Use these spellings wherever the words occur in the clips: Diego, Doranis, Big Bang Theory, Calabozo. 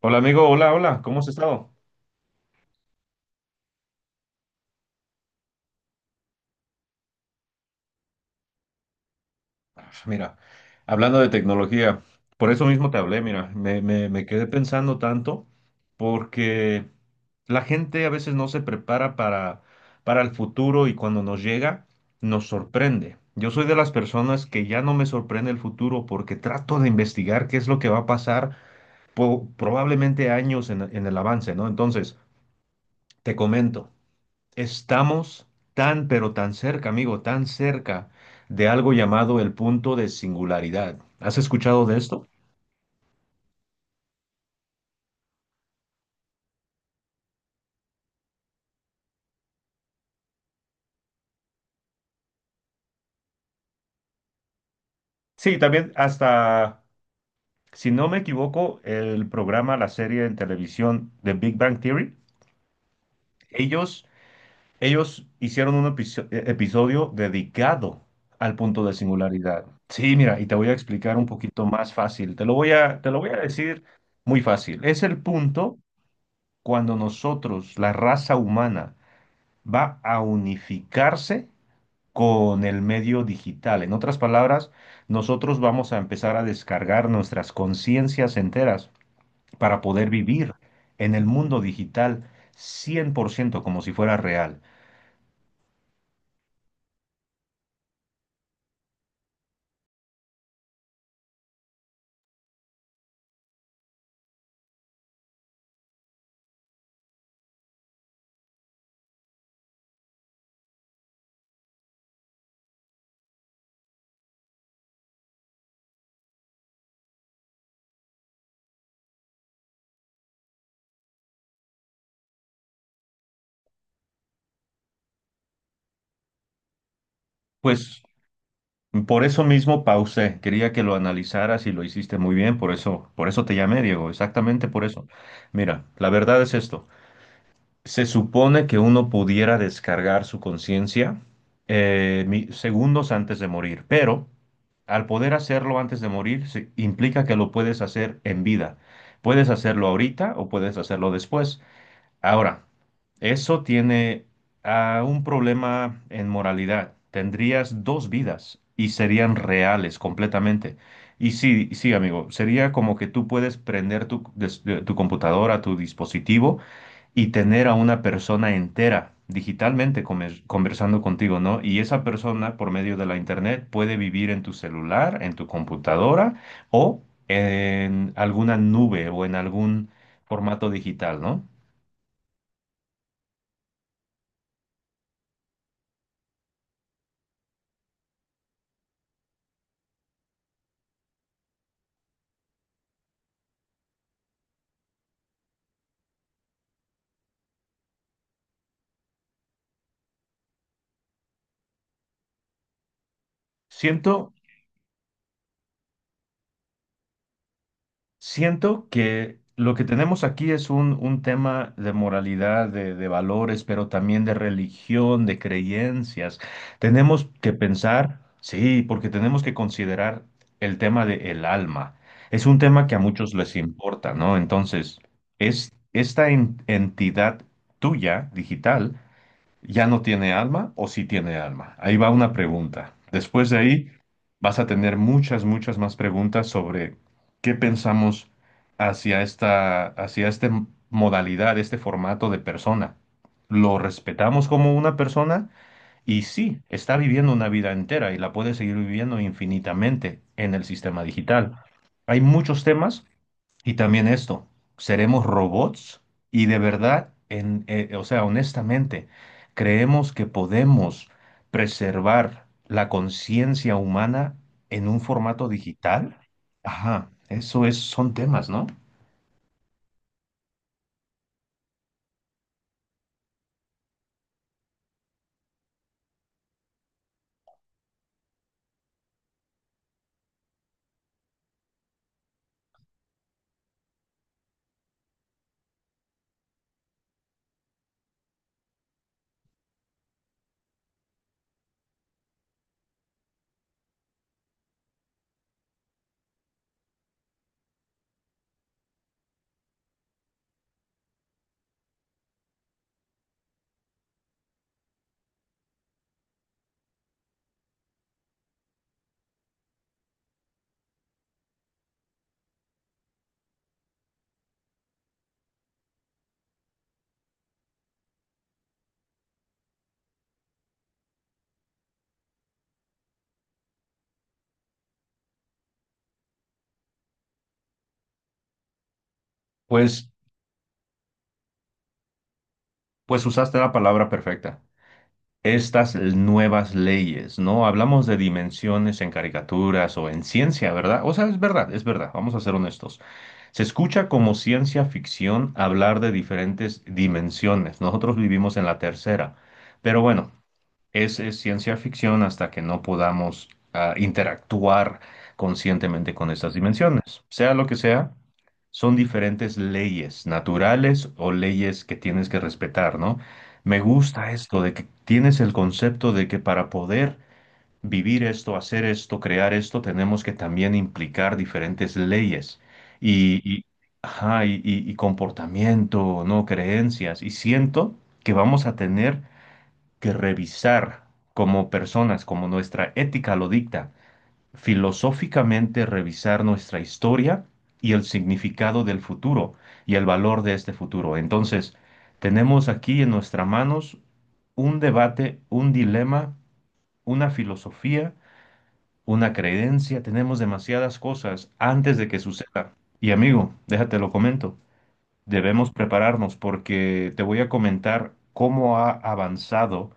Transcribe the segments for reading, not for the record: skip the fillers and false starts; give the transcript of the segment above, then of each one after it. Hola amigo, hola, hola, ¿cómo has estado? Ah, mira, hablando de tecnología, por eso mismo te hablé, mira, me quedé pensando tanto porque la gente a veces no se prepara para el futuro y cuando nos llega nos sorprende. Yo soy de las personas que ya no me sorprende el futuro porque trato de investigar qué es lo que va a pasar probablemente años en el avance, ¿no? Entonces, te comento. Estamos tan, pero tan cerca, amigo, tan cerca de algo llamado el punto de singularidad. ¿Has escuchado de esto? Sí, también hasta, si no me equivoco, el programa, la serie en televisión de Big Bang Theory, ellos, ellos hicieron un episodio dedicado al punto de singularidad. Sí, mira, y te voy a explicar un poquito más fácil. Te lo voy a decir muy fácil. Es el punto cuando nosotros, la raza humana, va a unificarse con el medio digital. En otras palabras, nosotros vamos a empezar a descargar nuestras conciencias enteras para poder vivir en el mundo digital 100% como si fuera real. Pues por eso mismo pausé, quería que lo analizaras y lo hiciste muy bien, por eso te llamé, Diego, exactamente por eso. Mira, la verdad es esto. Se supone que uno pudiera descargar su conciencia segundos antes de morir, pero al poder hacerlo antes de morir, implica que lo puedes hacer en vida. Puedes hacerlo ahorita o puedes hacerlo después. Ahora, eso tiene un problema en moralidad. Tendrías dos vidas y serían reales completamente. Y sí, sí, amigo, sería como que tú puedes prender tu computadora, tu dispositivo y tener a una persona entera digitalmente conversando contigo, ¿no? Y esa persona por medio de la internet puede vivir en tu celular, en tu computadora o en alguna nube o en algún formato digital, ¿no? Siento Siento que lo que tenemos aquí es un tema de moralidad, de valores, pero también de religión, de creencias. Tenemos que pensar, sí, porque tenemos que considerar el tema del alma. Es un tema que a muchos les importa, ¿no? Entonces, es esta entidad tuya, digital, ¿ya no tiene alma o sí tiene alma? Ahí va una pregunta. Después de ahí vas a tener muchas, muchas más preguntas sobre qué pensamos hacia esta modalidad, este formato de persona. ¿Lo respetamos como una persona? Y sí, está viviendo una vida entera y la puede seguir viviendo infinitamente en el sistema digital. Hay muchos temas y también esto, ¿seremos robots? Y de verdad, o sea, honestamente, ¿creemos que podemos preservar la conciencia humana en un formato digital? Ajá, eso es, son temas, ¿no? Pues, pues usaste la palabra perfecta. Estas nuevas leyes, ¿no? Hablamos de dimensiones en caricaturas o en ciencia, ¿verdad? O sea, es verdad, vamos a ser honestos. Se escucha como ciencia ficción hablar de diferentes dimensiones. Nosotros vivimos en la tercera, pero bueno, es ciencia ficción hasta que no podamos interactuar conscientemente con estas dimensiones. Sea lo que sea, son diferentes leyes naturales o leyes que tienes que respetar, ¿no? Me gusta esto de que tienes el concepto de que para poder vivir esto, hacer esto, crear esto, tenemos que también implicar diferentes leyes y, y, ajá, y comportamiento, ¿no? Creencias. Y siento que vamos a tener que revisar como personas, como nuestra ética lo dicta, filosóficamente revisar nuestra historia y el significado del futuro y el valor de este futuro. Entonces, tenemos aquí en nuestras manos un debate, un dilema, una filosofía una creencia, tenemos demasiadas cosas antes de que suceda. Y amigo, déjate lo comento, debemos prepararnos porque te voy a comentar cómo ha avanzado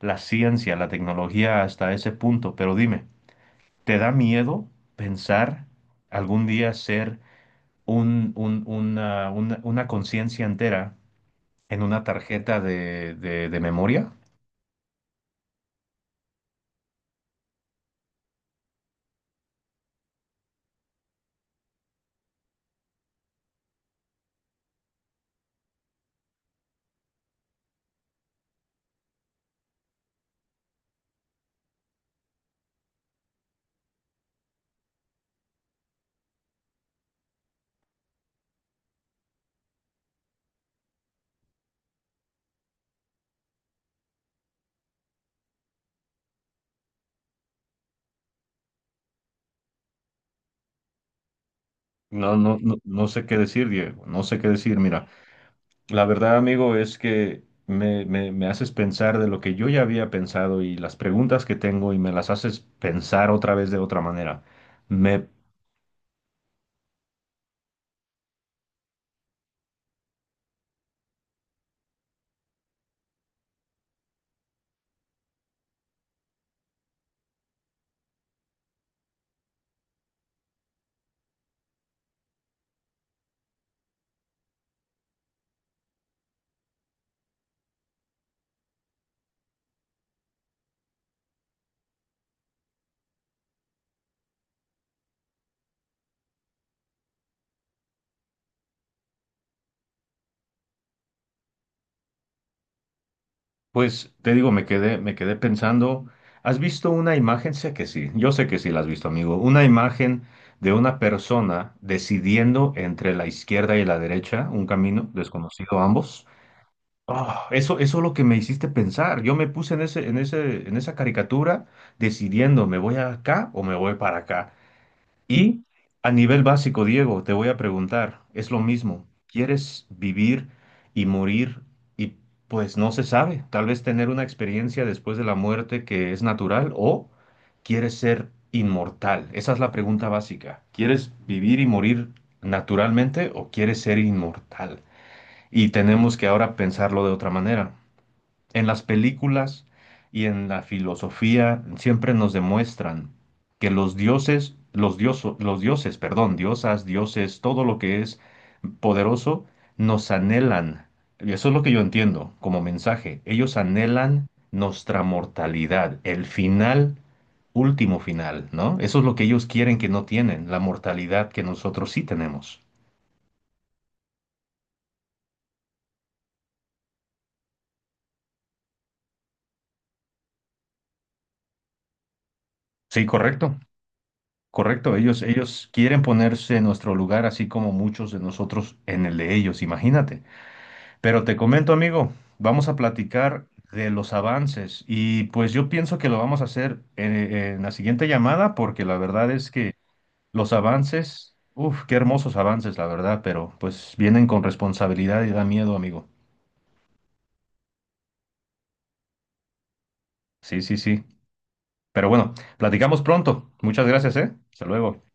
la ciencia, la tecnología hasta ese punto. Pero dime, ¿te da miedo pensar algún día ser una conciencia entera en una tarjeta de memoria? No, no, no, no sé qué decir, Diego, no sé qué decir, mira. La verdad, amigo, es que me haces pensar de lo que yo ya había pensado y las preguntas que tengo y me las haces pensar otra vez de otra manera. Me, pues te digo, me quedé pensando. ¿Has visto una imagen? Sé que sí, yo sé que sí la has visto, amigo. Una imagen de una persona decidiendo entre la izquierda y la derecha, un camino desconocido a ambos. Ah, eso es lo que me hiciste pensar. Yo me puse en en esa caricatura decidiendo, ¿me voy acá o me voy para acá? Y a nivel básico, Diego, te voy a preguntar, es lo mismo. ¿Quieres vivir y morir? Y pues no se sabe, tal vez tener una experiencia después de la muerte que es natural o quieres ser inmortal. Esa es la pregunta básica. ¿Quieres vivir y morir naturalmente o quieres ser inmortal? Y tenemos que ahora pensarlo de otra manera en las películas y en la filosofía siempre nos demuestran que los dioses, perdón, diosas, dioses, todo lo que es poderoso, nos anhelan. Y eso es lo que yo entiendo como mensaje. Ellos anhelan nuestra mortalidad, el final, último final, ¿no? Eso es lo que ellos quieren que no tienen, la mortalidad que nosotros sí tenemos. Sí, correcto. Correcto, ellos quieren ponerse en nuestro lugar, así como muchos de nosotros en el de ellos, imagínate. Pero te comento, amigo, vamos a platicar de los avances y pues yo pienso que lo vamos a hacer en la siguiente llamada porque la verdad es que los avances, uff, qué hermosos avances, la verdad, pero pues vienen con responsabilidad y da miedo, amigo. Sí, sí, sí. Pero bueno, platicamos pronto. Muchas gracias, ¿eh? Hasta luego.